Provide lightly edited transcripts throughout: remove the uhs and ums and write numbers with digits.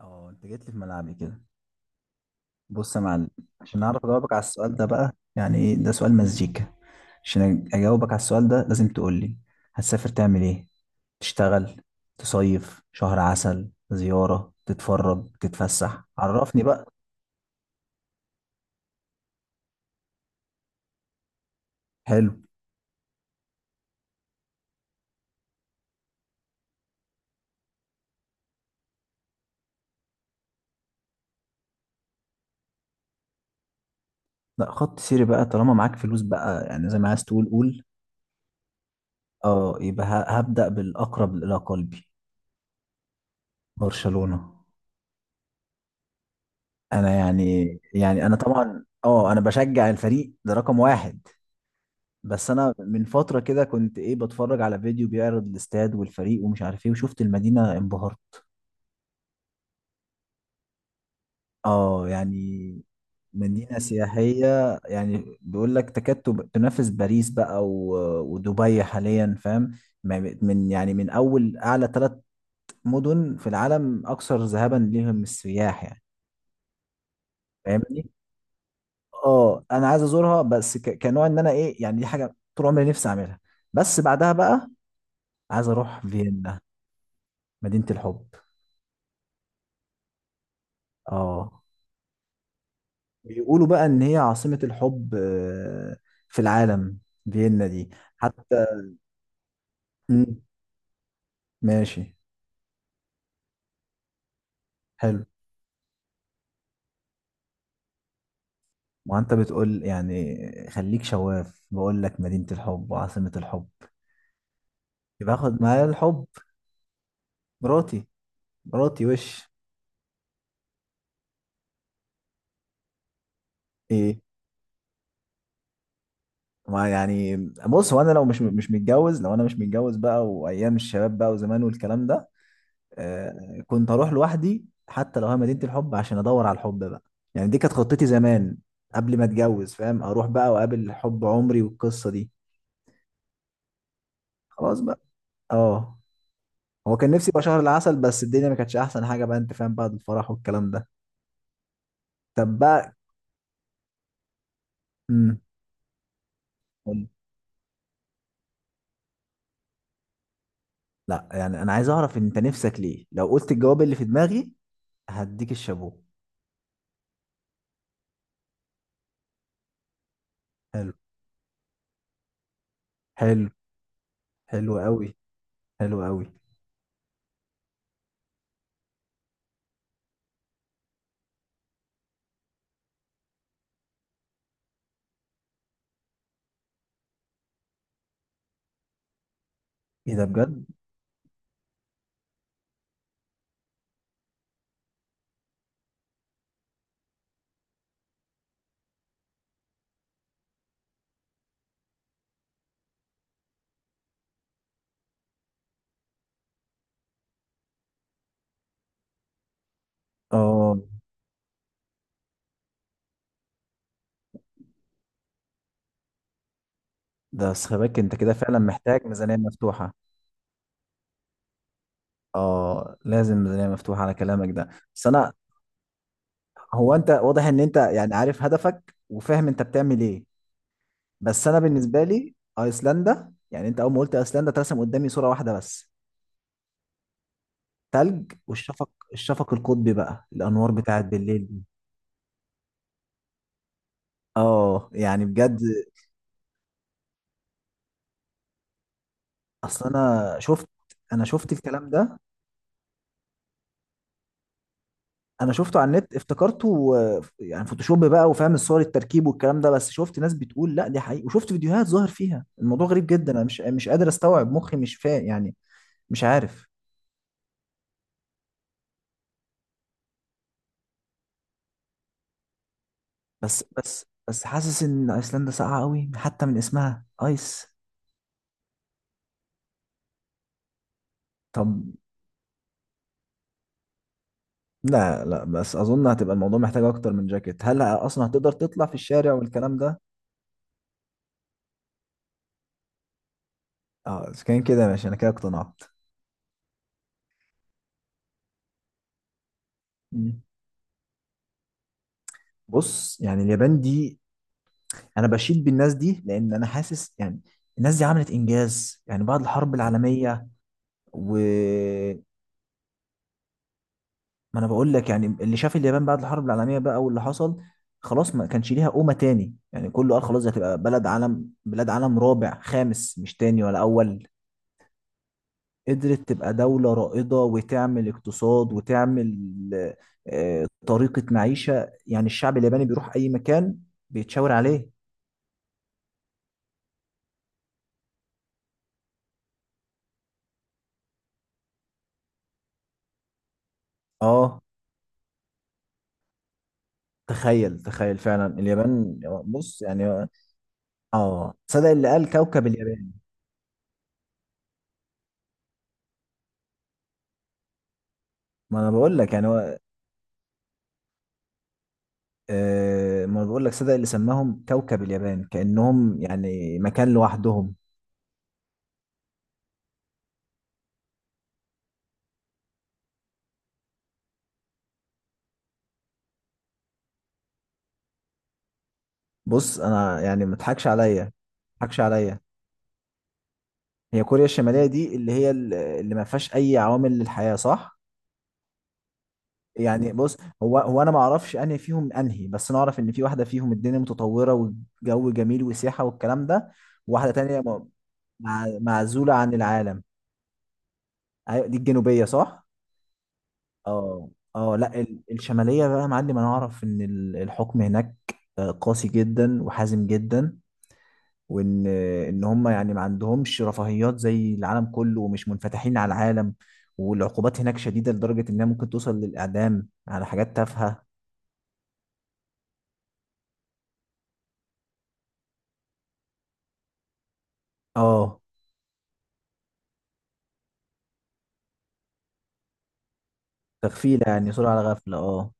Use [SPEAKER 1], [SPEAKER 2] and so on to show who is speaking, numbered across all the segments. [SPEAKER 1] اه انت جيت لي في ملعبي كده. بص يا معلم، عشان اعرف اجاوبك على السؤال ده بقى، يعني ايه ده؟ سؤال مزيكا. عشان اجاوبك على السؤال ده لازم تقول لي هتسافر تعمل ايه؟ تشتغل، تصيف، شهر عسل، زيارة، تتفرج، تتفسح؟ عرفني بقى. حلو. لا، خط سيري بقى طالما معاك فلوس بقى، يعني زي ما عايز تقول قول. اه، يبقى هبدأ بالأقرب إلى قلبي: برشلونة. انا يعني يعني انا طبعا، انا بشجع الفريق ده رقم واحد. بس انا من فتره كده كنت ايه، بتفرج على فيديو بيعرض الاستاد والفريق ومش عارف ايه، وشفت المدينه انبهرت. اه يعني، مدينه سياحيه، يعني بيقول لك تكاد تنافس باريس بقى ودبي حاليا، فاهم؟ من يعني، من اول اعلى ثلاث مدن في العالم اكثر ذهابا ليهم السياح يعني. فاهمني. اه، انا عايز ازورها، بس كنوع ان انا ايه، يعني دي حاجه طول عمري نفسي اعملها. بس بعدها بقى عايز اروح فيينا، مدينه الحب. اه، بيقولوا بقى ان هي عاصمة الحب آه، في العالم، فيينا دي. حتى مم، ماشي. حلو. ما انت بتقول يعني، خليك شواف، بقول لك مدينة الحب وعاصمة الحب، يبقى اخد معايا الحب. مراتي. مراتي وش ايه؟ ما يعني، بص، هو انا لو مش متجوز، لو انا مش متجوز بقى، وايام الشباب بقى وزمان والكلام ده، آه، كنت اروح لوحدي حتى لو هي مدينة الحب، عشان ادور على الحب بقى. يعني دي كانت خطتي زمان قبل ما اتجوز، فاهم؟ اروح بقى واقابل حب عمري والقصة دي. خلاص بقى. اه، هو كان نفسي يبقى شهر العسل، بس الدنيا ما كانتش احسن حاجة بقى، انت فاهم، بعد الفرح والكلام ده. طب بقى، امم قول. لا يعني، انا عايز اعرف انت نفسك ليه. لو قلت الجواب اللي في دماغي هديك الشابوه. حلو. حلو. حلو قوي. حلو قوي. ايه ده بجد؟ اه. ده بس خلي بالك، انت كده فعلا محتاج ميزانية مفتوحة. اه لازم ميزانية مفتوحة على كلامك ده. بس انا، هو انت واضح ان انت يعني عارف هدفك وفاهم انت بتعمل ايه. بس انا بالنسبة لي ايسلندا، يعني انت اول ما قلت ايسلندا ترسم قدامي صورة واحدة بس: تلج. والشفق، الشفق القطبي بقى، الانوار بتاعت بالليل دي. اه يعني بجد. اصل انا شفت، انا شفت الكلام ده، انا شفته على النت، افتكرته، آه، يعني فوتوشوب بقى، وفاهم الصور التركيب والكلام ده، بس شفت ناس بتقول لا دي حقيقي، وشفت فيديوهات ظاهر فيها الموضوع غريب جدا، انا مش قادر استوعب، مخي مش فاهم يعني، مش عارف. بس حاسس ان ايسلندا ساقعه قوي، حتى من اسمها، ايس. طب، لا لا، بس اظن هتبقى الموضوع محتاج اكتر من جاكيت، هل اصلا هتقدر تطلع في الشارع والكلام ده؟ اه اذا كان كده ماشي، انا كده اقتنعت. مم. بص يعني، اليابان دي انا بشيد بالناس دي، لان انا حاسس يعني الناس دي عملت انجاز يعني بعد الحرب العالميه. و، ما انا بقول لك يعني، اللي شاف اليابان بعد الحرب العالميه بقى واللي حصل، خلاص ما كانش ليها قومه تاني يعني، كله قال خلاص دي هتبقى بلد عالم، بلاد عالم رابع خامس، مش تاني ولا اول. قدرت تبقى دوله رائده، وتعمل اقتصاد، وتعمل آه، طريقه معيشه، يعني الشعب الياباني بيروح اي مكان بيتشاور عليه. اه تخيل، تخيل فعلا اليابان. بص يعني، اه صدق اللي قال كوكب اليابان. ما انا بقول لك يعني، هو آه، ما أنا بقول لك، صدق اللي سماهم كوكب اليابان، كأنهم يعني مكان لوحدهم. بص انا يعني، ما تضحكش عليا، ما تضحكش عليا، هي كوريا الشمالية دي اللي هي اللي ما فيهاش اي عوامل للحياة، صح؟ يعني بص، هو انا ما اعرفش انهي فيهم انهي، بس انا اعرف ان في واحدة فيهم الدنيا متطورة والجو جميل وسياحة والكلام ده، وواحدة تانية معزولة عن العالم. أيوة، دي الجنوبية صح. اه اه، لا الشمالية بقى يا معلم، انا اعرف ان الحكم هناك آه، قاسي جدا وحازم جدا، وان آه، ان هم يعني ما عندهمش رفاهيات زي العالم كله، ومش منفتحين على العالم، والعقوبات هناك شديدة لدرجة انها ممكن توصل للاعدام على حاجات تافهة. اه تغفيلة يعني، صورة على غفلة، اه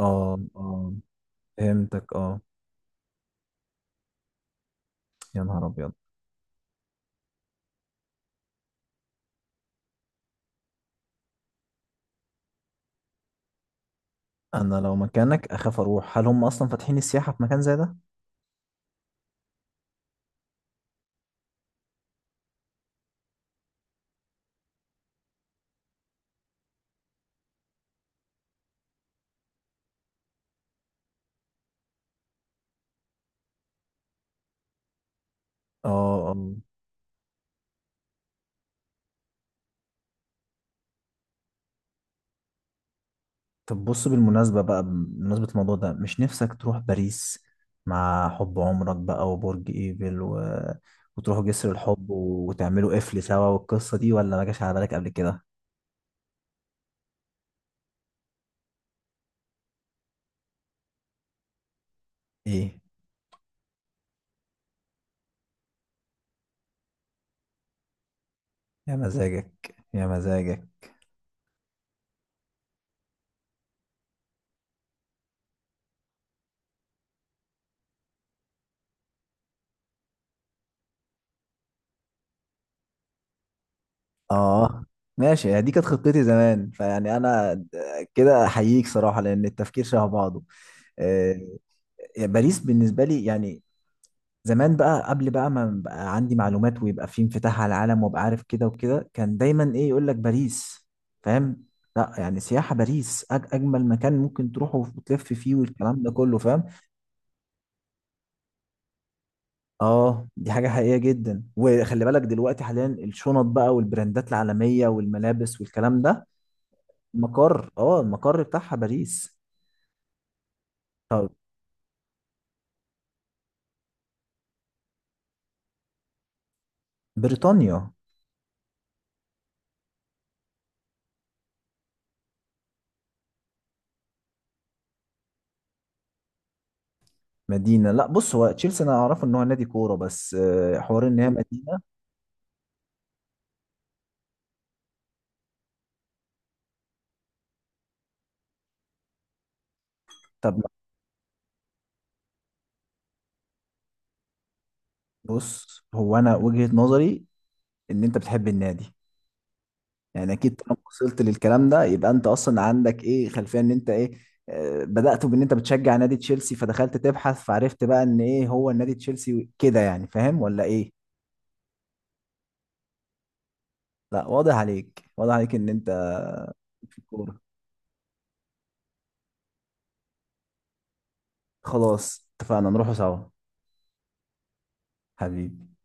[SPEAKER 1] اه اه، فهمتك اه. يا نهار ابيض. انا لو مكانك اخاف اروح، هل هم اصلا فاتحين السياحة في مكان زي ده؟ اه اه. طب بص، بالمناسبة بقى، بمناسبة الموضوع ده، مش نفسك تروح باريس مع حب عمرك بقى، وبرج ايفل و... وتروحوا جسر الحب وتعملوا قفل سوا والقصة دي؟ ولا ما جاش على بالك قبل كده؟ ايه. يا مزاجك، يا مزاجك. اه ماشي، هي دي كانت خطتي زمان، فيعني انا كده احييك صراحة، لان التفكير شبه بعضه. آه، يعني باريس بالنسبة لي يعني زمان بقى، قبل بقى ما بقى عندي معلومات ويبقى في انفتاح على العالم وابقى عارف كده وكده، كان دايما ايه، يقول لك باريس، فاهم؟ لا يعني سياحة، باريس أج أجمل مكان ممكن تروحه وتلف فيه والكلام ده كله، فاهم؟ اه، دي حاجة حقيقية جدا. وخلي بالك دلوقتي، حاليا الشنط بقى والبراندات العالمية والملابس والكلام ده، مقر، اه، المقر بتاعها باريس. طب بريطانيا. مدينة؟ لا بص، هو تشيلسي انا اعرفه ان هو نادي كورة، بس آه، حوار ان هي مدينة. طب بص، هو انا وجهة نظري ان انت بتحب النادي. يعني اكيد طالما وصلت للكلام ده يبقى انت اصلا عندك ايه، خلفية، ان انت ايه، آه، بدأت بان انت بتشجع نادي تشيلسي فدخلت تبحث، فعرفت بقى ان ايه هو النادي تشيلسي كده، يعني فاهم ولا ايه؟ لا واضح عليك، واضح عليك ان انت في الكورة. خلاص اتفقنا نروحوا سوا. حبيبي.